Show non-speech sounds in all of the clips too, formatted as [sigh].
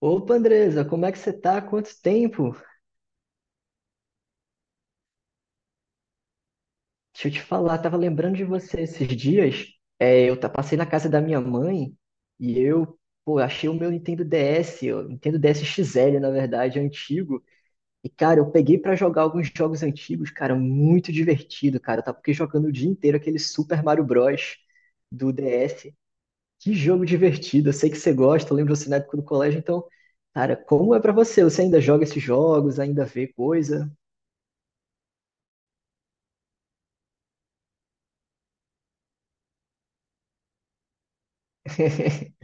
Opa, Andresa, como é que você tá? Quanto tempo? Deixa eu te falar, tava lembrando de você esses dias. Passei na casa da minha mãe e pô, achei o meu Nintendo DS, o Nintendo DS XL, na verdade, antigo. E, cara, eu peguei pra jogar alguns jogos antigos, cara, muito divertido, cara. Tá porque jogando o dia inteiro aquele Super Mario Bros. Do DS. Que jogo divertido, eu sei que você gosta, eu lembro você na época do colégio, então, cara, como é pra você? Você ainda joga esses jogos, ainda vê coisa? [laughs]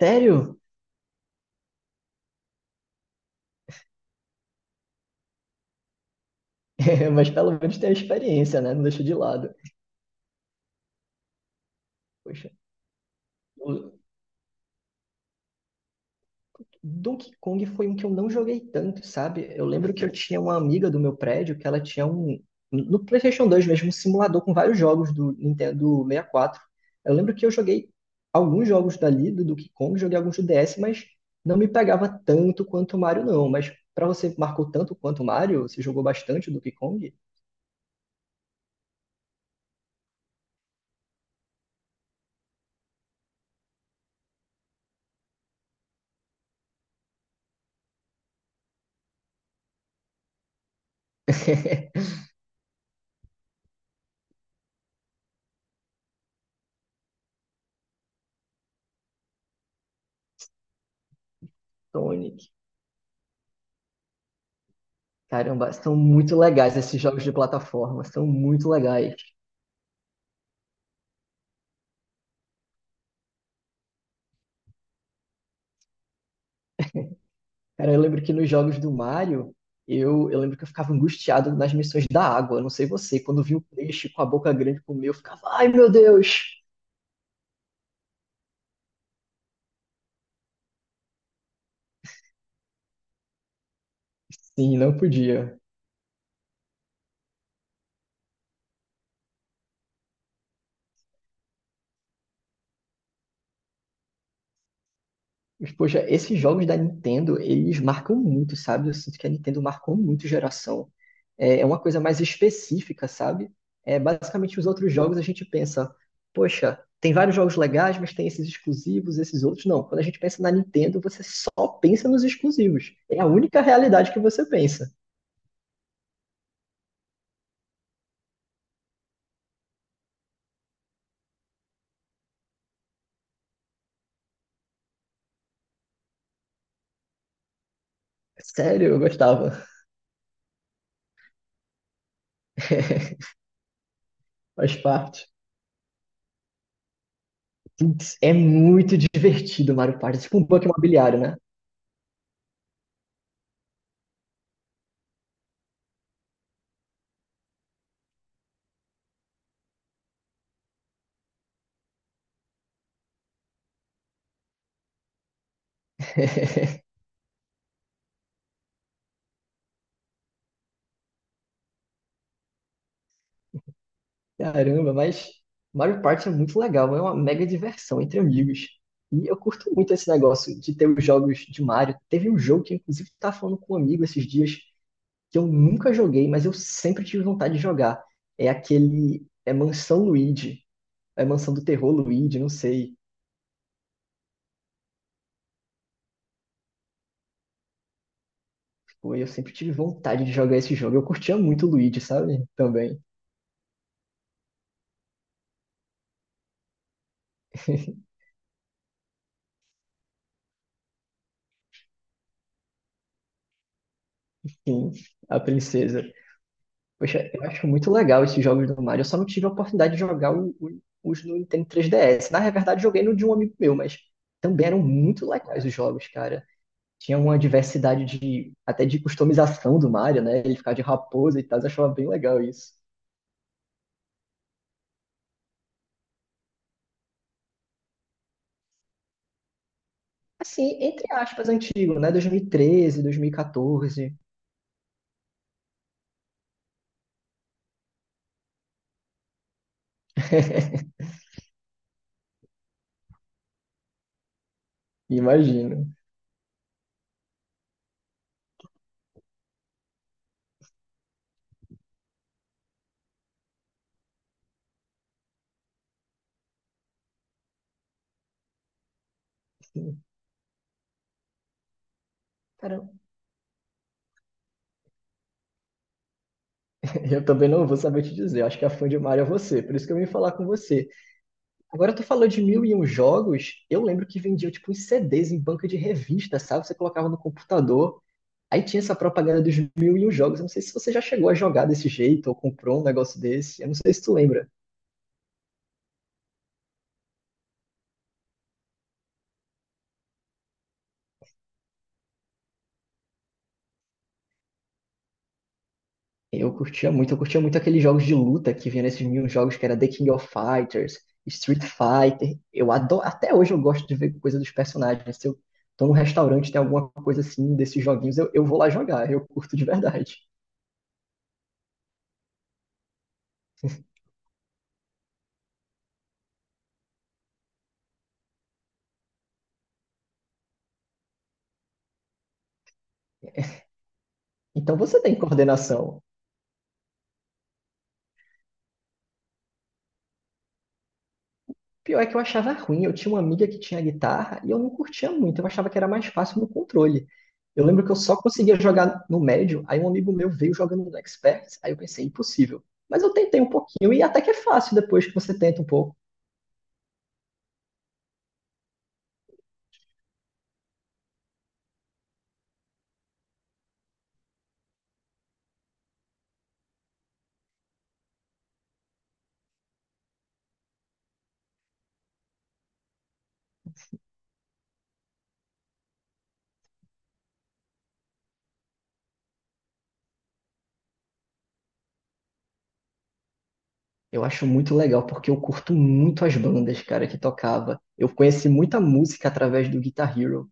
Sério? [laughs] Mas pelo menos tem a experiência, né? Não deixa de lado. Poxa, o Donkey Kong foi um que eu não joguei tanto, sabe? Eu lembro que eu tinha uma amiga do meu prédio que ela tinha um. No PlayStation 2 mesmo, um simulador com vários jogos do Nintendo 64. Eu lembro que eu joguei alguns jogos dali, do Donkey Kong, joguei alguns do DS, mas não me pegava tanto quanto o Mario, não. Mas pra você, marcou tanto quanto o Mario? Você jogou bastante o Donkey Kong? [laughs] Sonic. Caramba, são muito legais esses jogos de plataforma, são muito legais. Cara, eu lembro que nos jogos do Mario, eu lembro que eu ficava angustiado nas missões da água. Não sei você, quando eu vi o peixe com a boca grande comer, eu ficava, ai meu Deus! Sim, não podia. Mas, poxa, esses jogos da Nintendo, eles marcam muito, sabe? Eu sinto que a Nintendo marcou muito geração. É uma coisa mais específica, sabe? É, basicamente, os outros jogos a gente pensa, poxa, tem vários jogos legais, mas tem esses exclusivos, esses outros não. Quando a gente pensa na Nintendo, você só pensa nos exclusivos. É a única realidade que você pensa. Sério, eu gostava. [laughs] Faz parte. Putz, é muito divertido Mario Party. É tipo um banco imobiliário, né? [laughs] Caramba, mas Mario Party é muito legal, é uma mega diversão entre amigos. E eu curto muito esse negócio de ter os jogos de Mario. Teve um jogo que, inclusive, estava falando com um amigo esses dias, que eu nunca joguei, mas eu sempre tive vontade de jogar. É aquele. É Mansão Luigi. É Mansão do Terror Luigi, não sei. Pô, eu sempre tive vontade de jogar esse jogo. Eu curtia muito o Luigi, sabe? Também. [laughs] Sim, a princesa. Poxa, eu acho muito legal esses jogos do Mario. Eu só não tive a oportunidade de jogar os no Nintendo 3DS. Na verdade, joguei no de um amigo meu, mas também eram muito legais os jogos, cara. Tinha uma diversidade de até de customização do Mario, né? Ele ficava de raposa e tal, eu achava bem legal isso. Assim, entre aspas, antigo, né? 2013, 2014. [laughs] Imagino. Cara, eu também não vou saber te dizer. Eu acho que a fã de Mario é você, por isso que eu vim falar com você. Agora tu falou de mil e um jogos, eu lembro que vendia tipo uns CDs em banca de revista, sabe? Você colocava no computador, aí tinha essa propaganda dos mil e um jogos. Eu não sei se você já chegou a jogar desse jeito ou comprou um negócio desse, eu não sei se tu lembra. Eu curtia muito aqueles jogos de luta que vinha nesses mil e um jogos que era The King of Fighters, Street Fighter. Eu adoro, até hoje eu gosto de ver coisa dos personagens. Se eu tô num restaurante, tem alguma coisa assim desses joguinhos, eu vou lá jogar, eu curto de verdade. Então você tem coordenação. Pior é que eu achava ruim. Eu tinha uma amiga que tinha guitarra e eu não curtia muito. Eu achava que era mais fácil no controle. Eu lembro que eu só conseguia jogar no médio, aí um amigo meu veio jogando no expert, aí eu pensei, impossível. Mas eu tentei um pouquinho e até que é fácil depois que você tenta um pouco. Eu acho muito legal porque eu curto muito as bandas, cara, que tocava. Eu conheci muita música através do Guitar Hero.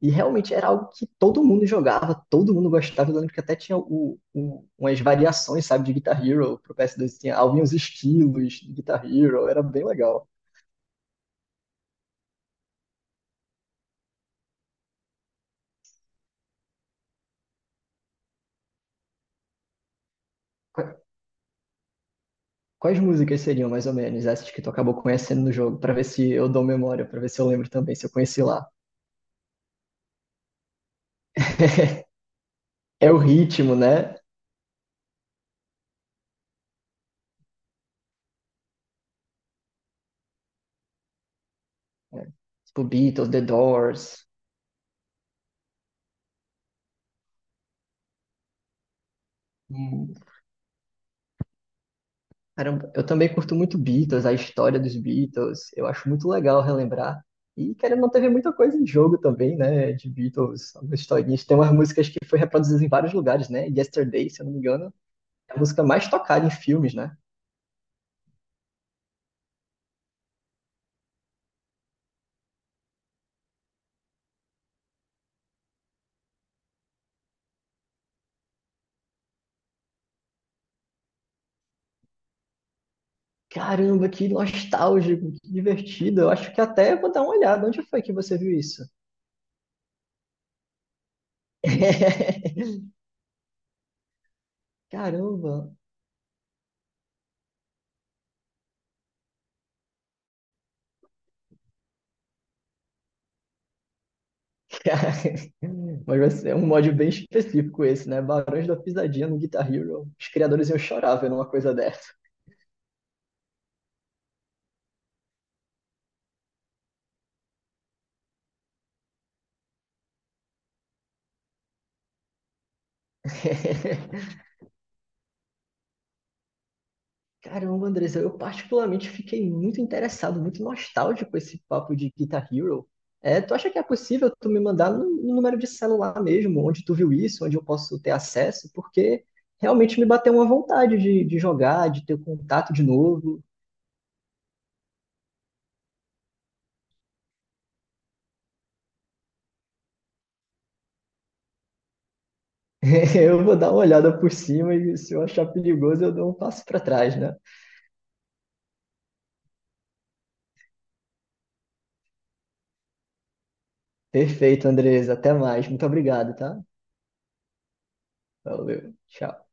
E realmente era algo que todo mundo jogava, todo mundo gostava. Eu lembro que até tinha umas variações, sabe, de Guitar Hero pro PS2. Tinha alguns estilos de Guitar Hero, era bem legal. Qua- Quais músicas seriam, mais ou menos, essas que tu acabou conhecendo no jogo? Pra ver se eu dou memória, pra ver se eu lembro também, se eu conheci lá. [laughs] É o ritmo, né? É. Tipo Beatles, The Doors. Caramba, eu também curto muito Beatles, a história dos Beatles. Eu acho muito legal relembrar. E, querendo ou não, teve muita coisa em jogo também, né? De Beatles, algumas historinhas. Tem umas músicas que foi reproduzidas em vários lugares, né? Yesterday, se eu não me engano, é a música mais tocada em filmes, né? Caramba, que nostálgico, que divertido. Eu acho que até vou dar uma olhada. Onde foi que você viu isso? [laughs] Caramba! Mas vai ser um mod bem específico esse, né? Barões da Pisadinha no Guitar Hero. Os criadores iam chorar vendo uma coisa dessa. Caramba, Andressa, eu particularmente fiquei muito interessado, muito nostálgico com esse papo de Guitar Hero. É, tu acha que é possível tu me mandar no número de celular mesmo, onde tu viu isso, onde eu posso ter acesso? Porque realmente me bateu uma vontade de jogar, de ter contato de novo. [laughs] Eu vou dar uma olhada por cima e se eu achar perigoso, eu dou um passo para trás, né? Perfeito, Andressa, até mais. Muito obrigado, tá? Valeu, tchau.